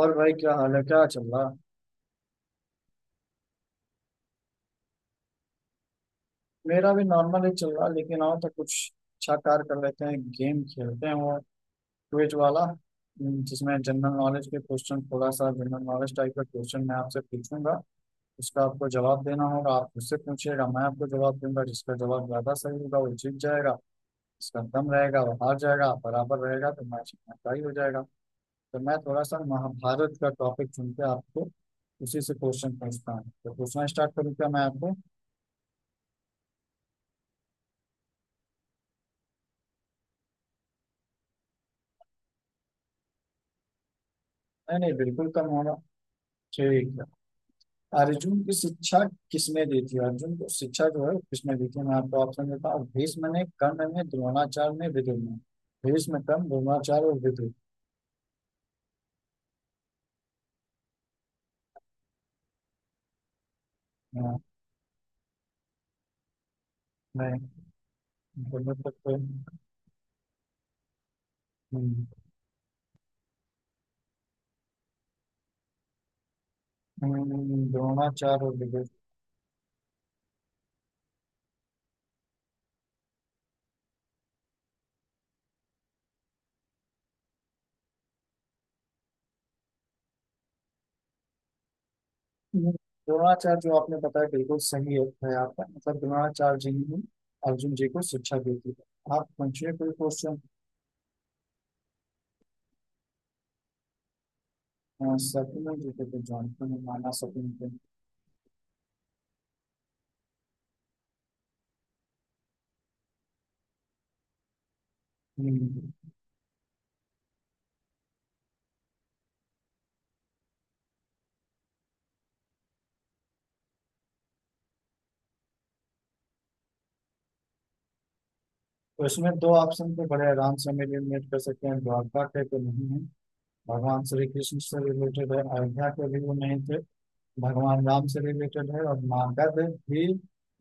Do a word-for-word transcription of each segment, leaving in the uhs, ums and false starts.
और भाई क्या हाल है? क्या चल रहा? मेरा भी नॉर्मल ही चल रहा, लेकिन आओ तो कुछ अच्छा कार्य कर लेते हैं। गेम खेलते हैं वो क्विज वाला। हम्म, जिसमें जनरल नॉलेज के क्वेश्चन, थोड़ा सा जनरल नॉलेज टाइप का क्वेश्चन मैं आपसे पूछूंगा। उसका आपको जवाब देना होगा। आप मुझसे पूछिएगा, मैं आपको जवाब दूंगा। जिसका जवाब ज्यादा सही होगा वो जीत जाएगा, जिसका कम रहेगा वो हार जाएगा। आप बराबर रहेगा तो मैच टाई हो जाएगा। तो मैं थोड़ा सा महाभारत का टॉपिक चुन के आपको उसी से क्वेश्चन पूछता हूँ। तो पूछना स्टार्ट करूँ क्या मैं आपको? नहीं नहीं बिल्कुल कम होगा। ठीक है। अर्जुन की शिक्षा किसने दी थी? अर्जुन को शिक्षा जो है किसने दी थी? मैं आपको ऑप्शन देता हूँ। भीष्म ने, कर्ण ने, द्रोणाचार्य ने, विदुर ने। भीष्म, कर्ण, द्रोणाचार्य और विदुर। हाँ। नहीं। दोनों तक तो- हम्म, हम्म, द्रोणाचार्य और विदुर। हम्म, द्रोणाचार्य जो आपने बताया बिल्कुल सही है है आपका, मतलब द्रोणाचार्य जी ने अर्जुन जी को शिक्षा दी थी। आप पूछिए कोई क्वेश्चन। सपने जी को तो जानते हैं, माना सपने को। हम्म, तो इसमें दो ऑप्शन पे बड़े आराम से हम एलिमिनेट कर सकते हैं। द्वारका के तो नहीं है, भगवान श्री कृष्ण से रिलेटेड है। अयोध्या के भी वो नहीं थे, भगवान राम से रिलेटेड है। और मगध भी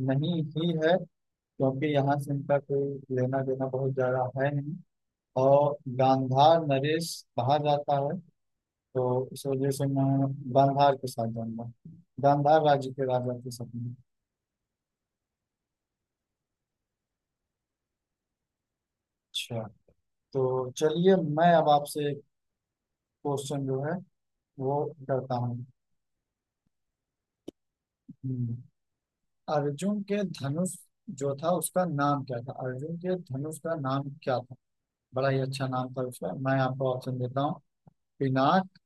नहीं ही है, क्योंकि यहाँ से इनका कोई लेना देना बहुत ज्यादा है नहीं। और गांधार नरेश बाहर जाता है, तो इस वजह से मैं गांधार के साथ जाऊंगा, गांधार राज्य के राजा के साथ में। अच्छा। तो चलिए मैं अब आपसे एक क्वेश्चन जो है वो करता हूँ। हम्म, अर्जुन के धनुष जो था उसका नाम क्या था? अर्जुन के धनुष का नाम क्या था? बड़ा ही अच्छा नाम था उसका। मैं आपको ऑप्शन देता हूँ। पिनाक,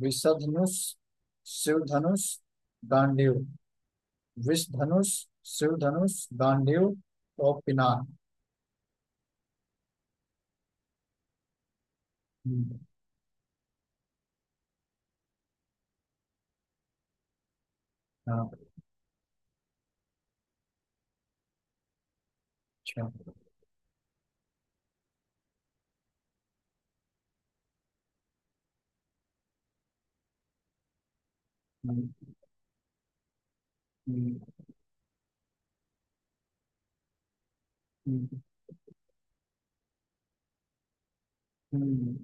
विषधनुष, शिव धनुष, गांडीव। विष धनुष, शिव धनुष, गांडीव और पिनाक। हम्म, हाँ। अच्छा। हम्म, हम्म, हम्म, हम्म।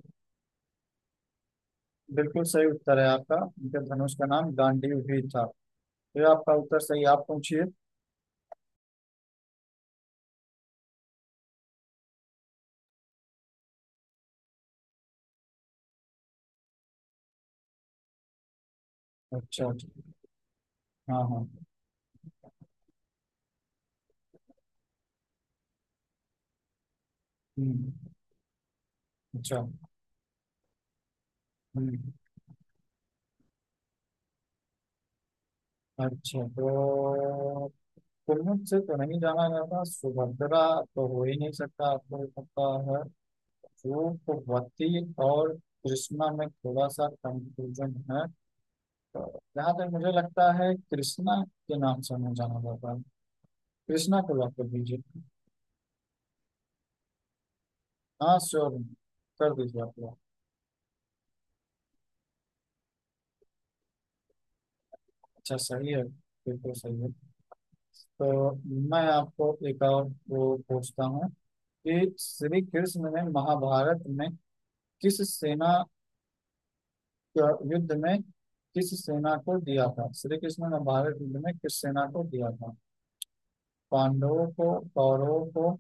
बिल्कुल सही उत्तर है आपका। उनके धनुष का नाम गांडीव भी था। तो ये आपका उत्तर सही। आप पूछिए। अच्छा, अच्छा। हाँ, हाँ। हम्म, अच्छा। हम्म, अच्छा। तो कुल्लू से तो नहीं जाना जाता। सुभद्रा तो हो ही नहीं सकता, आपको भी पता है। वो भगवती और कृष्णा में थोड़ा सा कंफ्यूजन है। तो जहाँ तक मुझे लगता है कृष्णा के नाम से नहीं जाना जाता है। कृष्णा को लॉक कर दीजिए। हाँ, श्योर, कर दीजिए आप लोग। अच्छा, सही है। बिल्कुल सही है। तो मैं आपको एक और वो पूछता हूँ कि श्री कृष्ण ने महाभारत में किस सेना, युद्ध में किस सेना को दिया था? श्री कृष्ण ने भारत युद्ध में किस सेना को दिया था? पांडवों को, कौरवों को,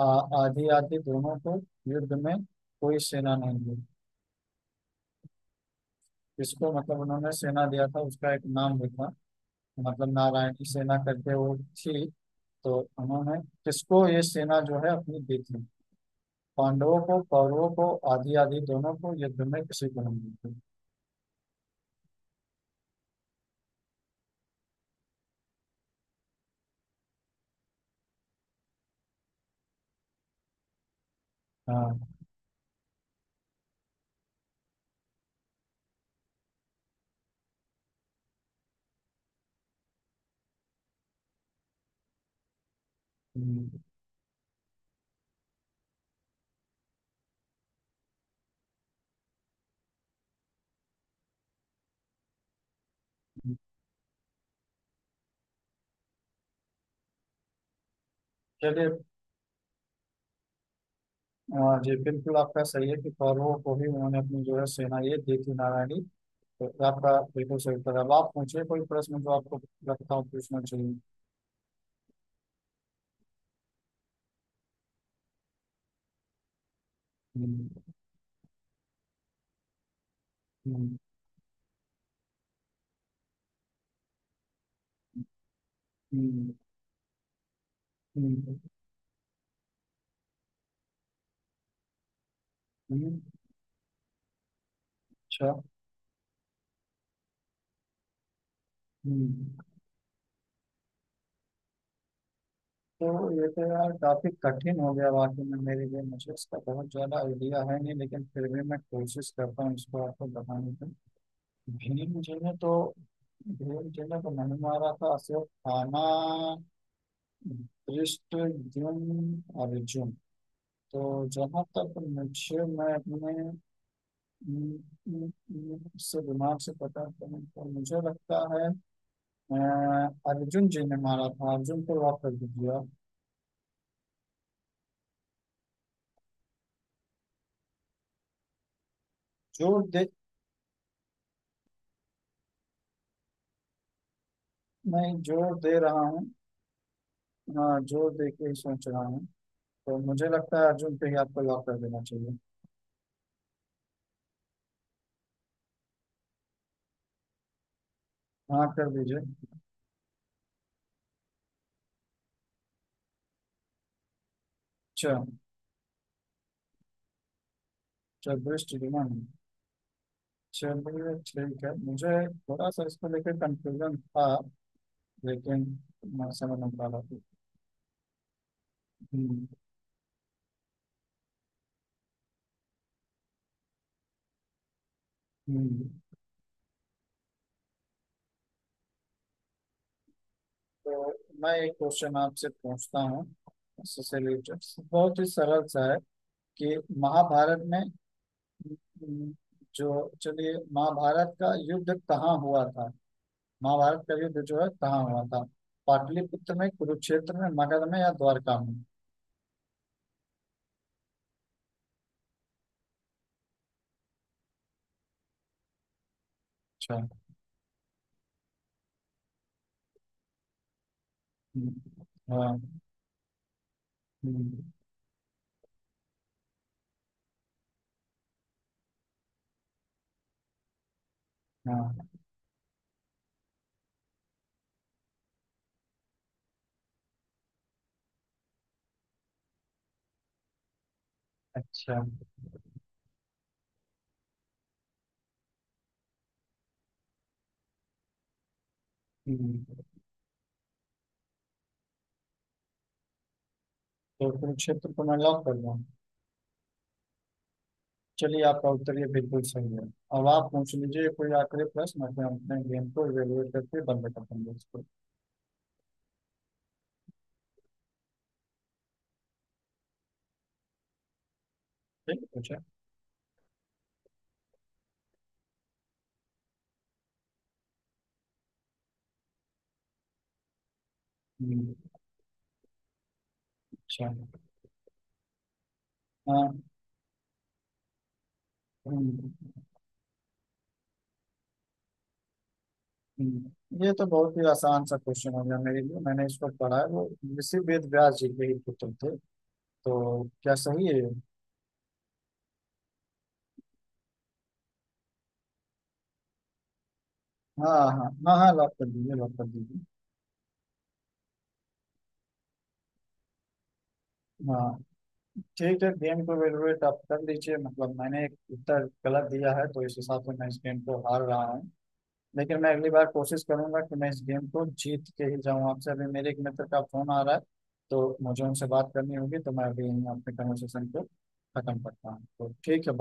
आ- आदि आदि दोनों को, युद्ध में कोई सेना नहीं दी। इसको मतलब उन्होंने सेना दिया था, उसका एक नाम लिखा, मतलब नारायण की सेना करके वो थी। तो उन्होंने किसको ये सेना जो है अपनी दी थी? पांडवों को, कौरवों को, आदि आदि दोनों को, युद्ध में किसी को नहीं दी थी। हाँ। हम्म। चलिए। हाँ जी, बिल्कुल आपका सही है कि कौरवों को भी उन्होंने अपनी जो है सेना ये दी थी, नारायणी। तो आपका बिल्कुल सही उत्तर है। अब आप मुझे कोई प्रश्न जो आपको लगता हूँ पूछना चाहिए। हम्म, हम्म, हम्म, हम्म, हम्म, अच्छा। हम्म, तो ये तो यार काफी कठिन हो गया वाकई में मेरे लिए। मुझे इसका बहुत ज्यादा आइडिया है नहीं, लेकिन फिर भी मैं कोशिश करता हूँ इसको आपको बताने की। भीम जी ने तो, भीम जी ने तो नहीं मारा था, सिर्फ खाना। कृष्ण, अर्जुन, अर्जुन तो जहाँ तक मुझे, मैं अपने उम, उम, उम, से दिमाग से पता करूँ तो मुझे लगता है अ, अर्जुन जी ने मारा था। अर्जुन को वापस दिया। जोर दे, मैं जोर दे रहा हूँ। हाँ, जोर दे के ही सोच रहा हूँ। तो मुझे लगता है अर्जुन पे ही आपको लॉक कर देना चाहिए। हाँ, कर दीजिए। अच्छा। चल दृष्टि दिमाग। चलिए ठीक है, मुझे थोड़ा सा इसको लेकर कंफ्यूजन था, लेकिन मैं समझ नहीं पा रहा था। हम्म, हम्म। तो मैं एक क्वेश्चन आपसे पूछता हूँ, इससे रिलेटेड बहुत ही सरल सा है, कि महाभारत में हम्म, जो, चलिए महाभारत का युद्ध कहाँ हुआ था? महाभारत का युद्ध जो है कहाँ हुआ था? पाटलिपुत्र में, कुरुक्षेत्र में, मगध में या द्वारका में? अच्छा। हम्म, हाँ। हम्म, हाँ। अच्छा। हम्म, तो कुरुक्षेत्र को मैं लॉक कर दूँ। चलिए आपका उत्तर ये बिल्कुल सही है। अब आप पूछ लीजिए कोई आखिरी प्रश्न। अपने अपने गेम को इवेलुएट करके बंद कर देंगे इसको। ठीक है, पूछा। हम्म, अच्छा। हाँ। हम्म, हम्म। ये तो बहुत ही आसान सा क्वेश्चन हो गया मेरे लिए। मैंने इसको पढ़ा है, वो ऋषि वेद व्यास जी के ही पुत्र थे। तो क्या सही है? हाँ हाँ हाँ हाँ लॉक कर दीजिए, लॉक कर दीजिए। हाँ। ठीक है, गेम को इवेलुएट आप कर लीजिए। मतलब मैंने एक उत्तर गलत दिया है, तो इस हिसाब से मैं इस गेम को हार रहा हूँ। लेकिन मैं अगली बार कोशिश करूंगा कि मैं इस गेम को जीत के ही जाऊं आपसे। अभी मेरे एक मित्र का फोन आ रहा है, तो मुझे उनसे बात करनी होगी। तो मैं अभी इन अपने कन्वर्सेशन को खत्म करता हूँ। तो ठीक है,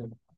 बात